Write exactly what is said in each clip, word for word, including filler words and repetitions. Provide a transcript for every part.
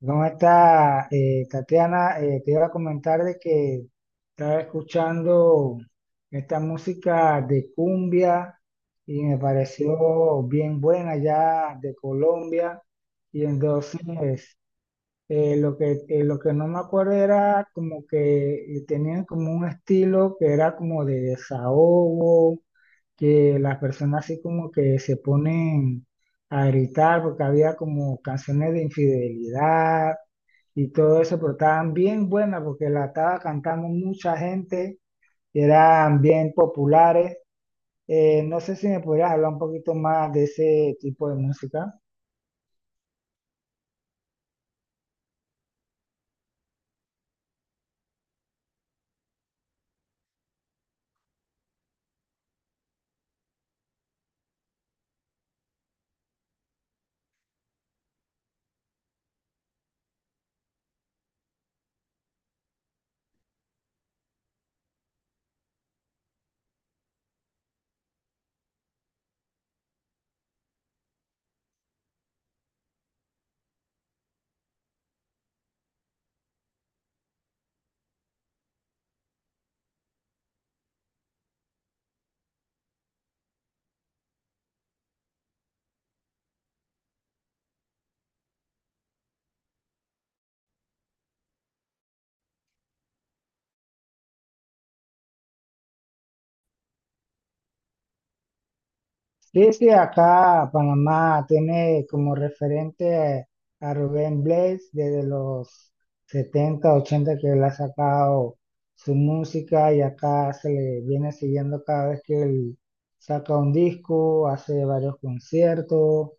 ¿Cómo está, eh, Tatiana? Eh, te iba a comentar de que estaba escuchando esta música de cumbia y me pareció bien buena ya de Colombia. Y entonces eh, lo que, eh, lo que no me acuerdo era como que eh, tenían como un estilo que era como de desahogo, que las personas así como que se ponen a gritar porque había como canciones de infidelidad y todo eso, pero estaban bien buenas porque la estaba cantando mucha gente, eran bien populares. Eh, no sé si me podrías hablar un poquito más de ese tipo de música. Sí, sí, acá Panamá tiene como referente a Rubén Blades desde los setenta, ochenta, que él ha sacado su música y acá se le viene siguiendo cada vez que él saca un disco, hace varios conciertos.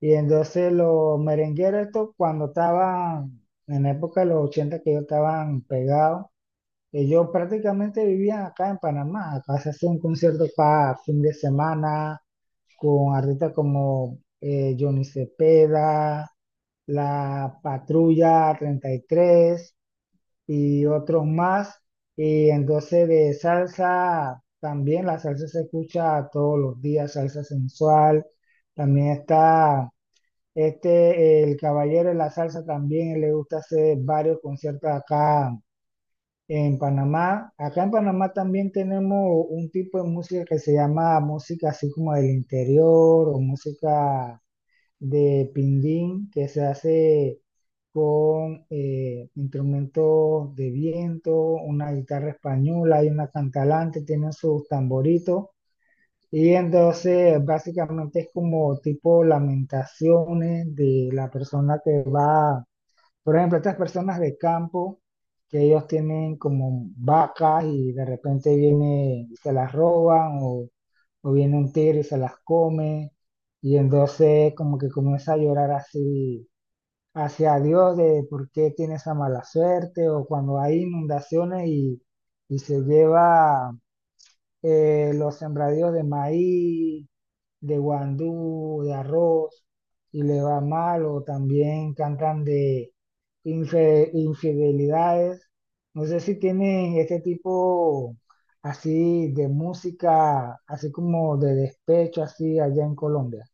Y entonces los merengueros estos, cuando estaban en la época de los ochenta, que ellos estaban pegados, ellos prácticamente vivían acá en Panamá, acá se hacía un concierto cada fin de semana con artistas como eh, Johnny Cepeda, La Patrulla treinta y tres y tres y otros más. Y entonces de salsa también, la salsa se escucha todos los días, salsa sensual. También está este, el caballero de la salsa también, él le gusta hacer varios conciertos acá en Panamá. Acá en Panamá también tenemos un tipo de música que se llama música así como del interior, o música de pindín, que se hace con eh, instrumentos de viento, una guitarra española y una cantalante, tienen sus tamboritos. Y entonces básicamente es como tipo lamentaciones de la persona que va, por ejemplo, estas personas de campo que ellos tienen como vacas y de repente viene y se las roban, o, o viene un tigre y se las come, y entonces como que comienza a llorar así hacia Dios de por qué tiene esa mala suerte, o cuando hay inundaciones y, y se lleva eh, los sembradíos de maíz, de guandú, de arroz, y le va mal. O también cantan de infe- infidelidades. No sé si tienen este tipo así de música, así como de despecho, así allá en Colombia.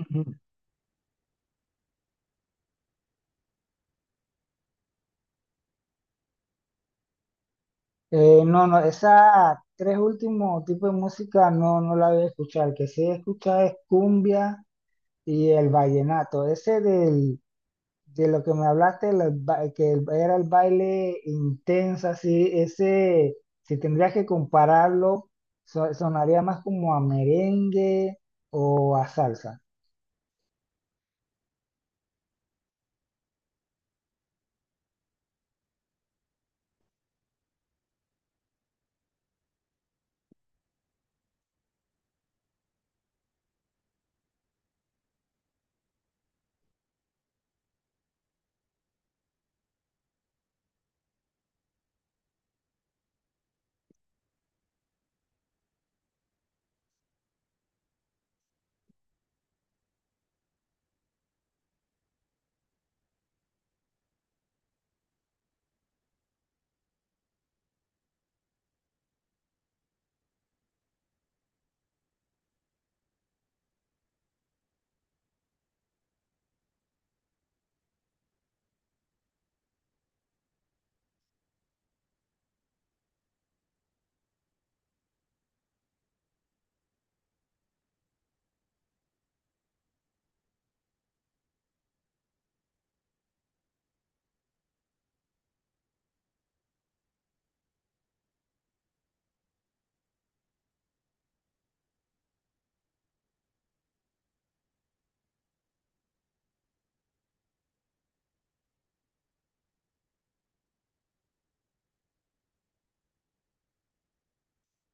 Ujú. Eh, no, no, esa tres últimos tipos de música no, no la voy a escuchar. El que sí escucha es cumbia y el vallenato. Ese del, de lo que me hablaste, los ba- que el- era el baile intenso, así, ese, si tendrías que compararlo, so- sonaría más como a merengue o a salsa.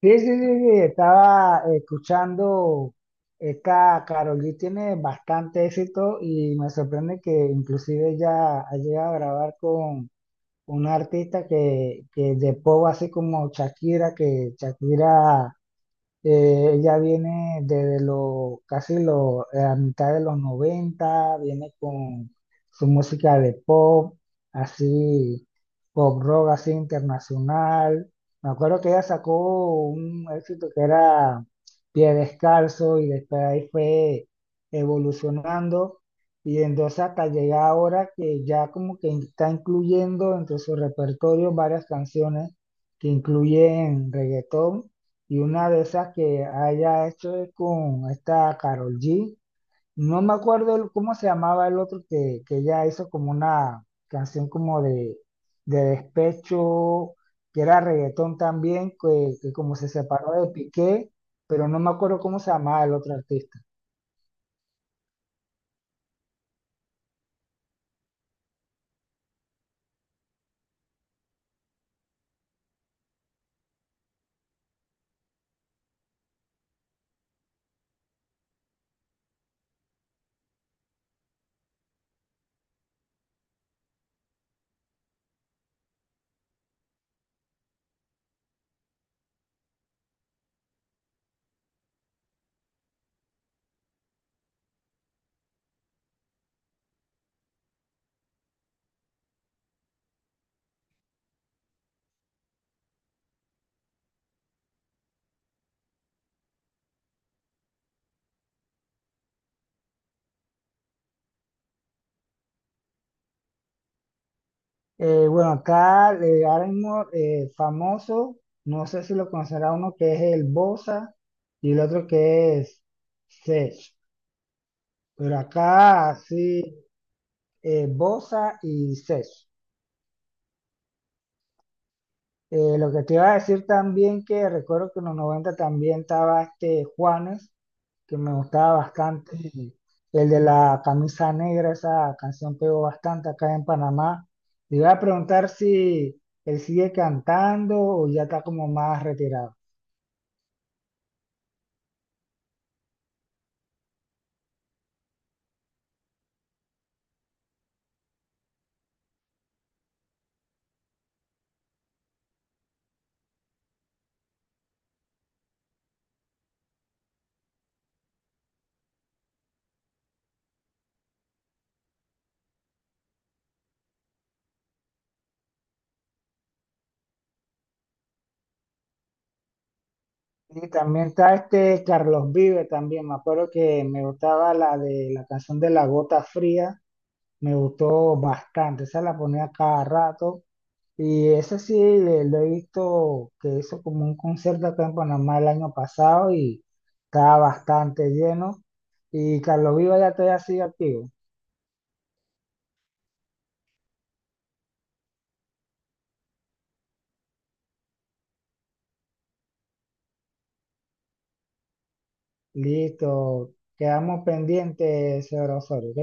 Sí, sí, sí, sí, estaba escuchando, esta Karol G tiene bastante éxito y me sorprende que inclusive ya ha llegado a grabar con un artista que, que de pop, así como Shakira. Que Shakira Eh, ella viene desde los casi lo, la mitad de los noventa, viene con su música de pop, así, pop rock así internacional. Me acuerdo que ella sacó un éxito que era Pie Descalzo y después ahí fue evolucionando, y entonces hasta llega ahora que ya como que está incluyendo entre su repertorio varias canciones que incluyen reggaetón, y una de esas que haya hecho es con esta Carol G. No me acuerdo el- cómo se llamaba el otro, que, que ella hizo como una canción como de, de despecho, que era reggaetón también, que, que como se separó de Piqué, pero no me acuerdo cómo se llamaba el otro artista. Eh, bueno, acá eh, ahora mismo, eh, famoso, no sé si lo conocerá, uno que es el Bosa y el otro que es Sech. Pero acá sí eh, Bosa y Sech. Eh, lo que te iba a decir también, que recuerdo que en los noventa también estaba este Juanes, que me gustaba bastante, y el de la camisa negra, esa canción pegó bastante acá en Panamá. Te iba a preguntar si él sigue cantando o ya está como más retirado. Y también está este Carlos Vive también, me acuerdo que me gustaba la de la canción de La Gota Fría, me gustó bastante, esa la ponía cada rato. Y eso sí, le- lo he visto que hizo como un concierto acá en Panamá el año pasado y estaba bastante lleno. Y Carlos Viva ya todavía sigue activo. Listo, quedamos pendientes, señor Osorio, ¿ok?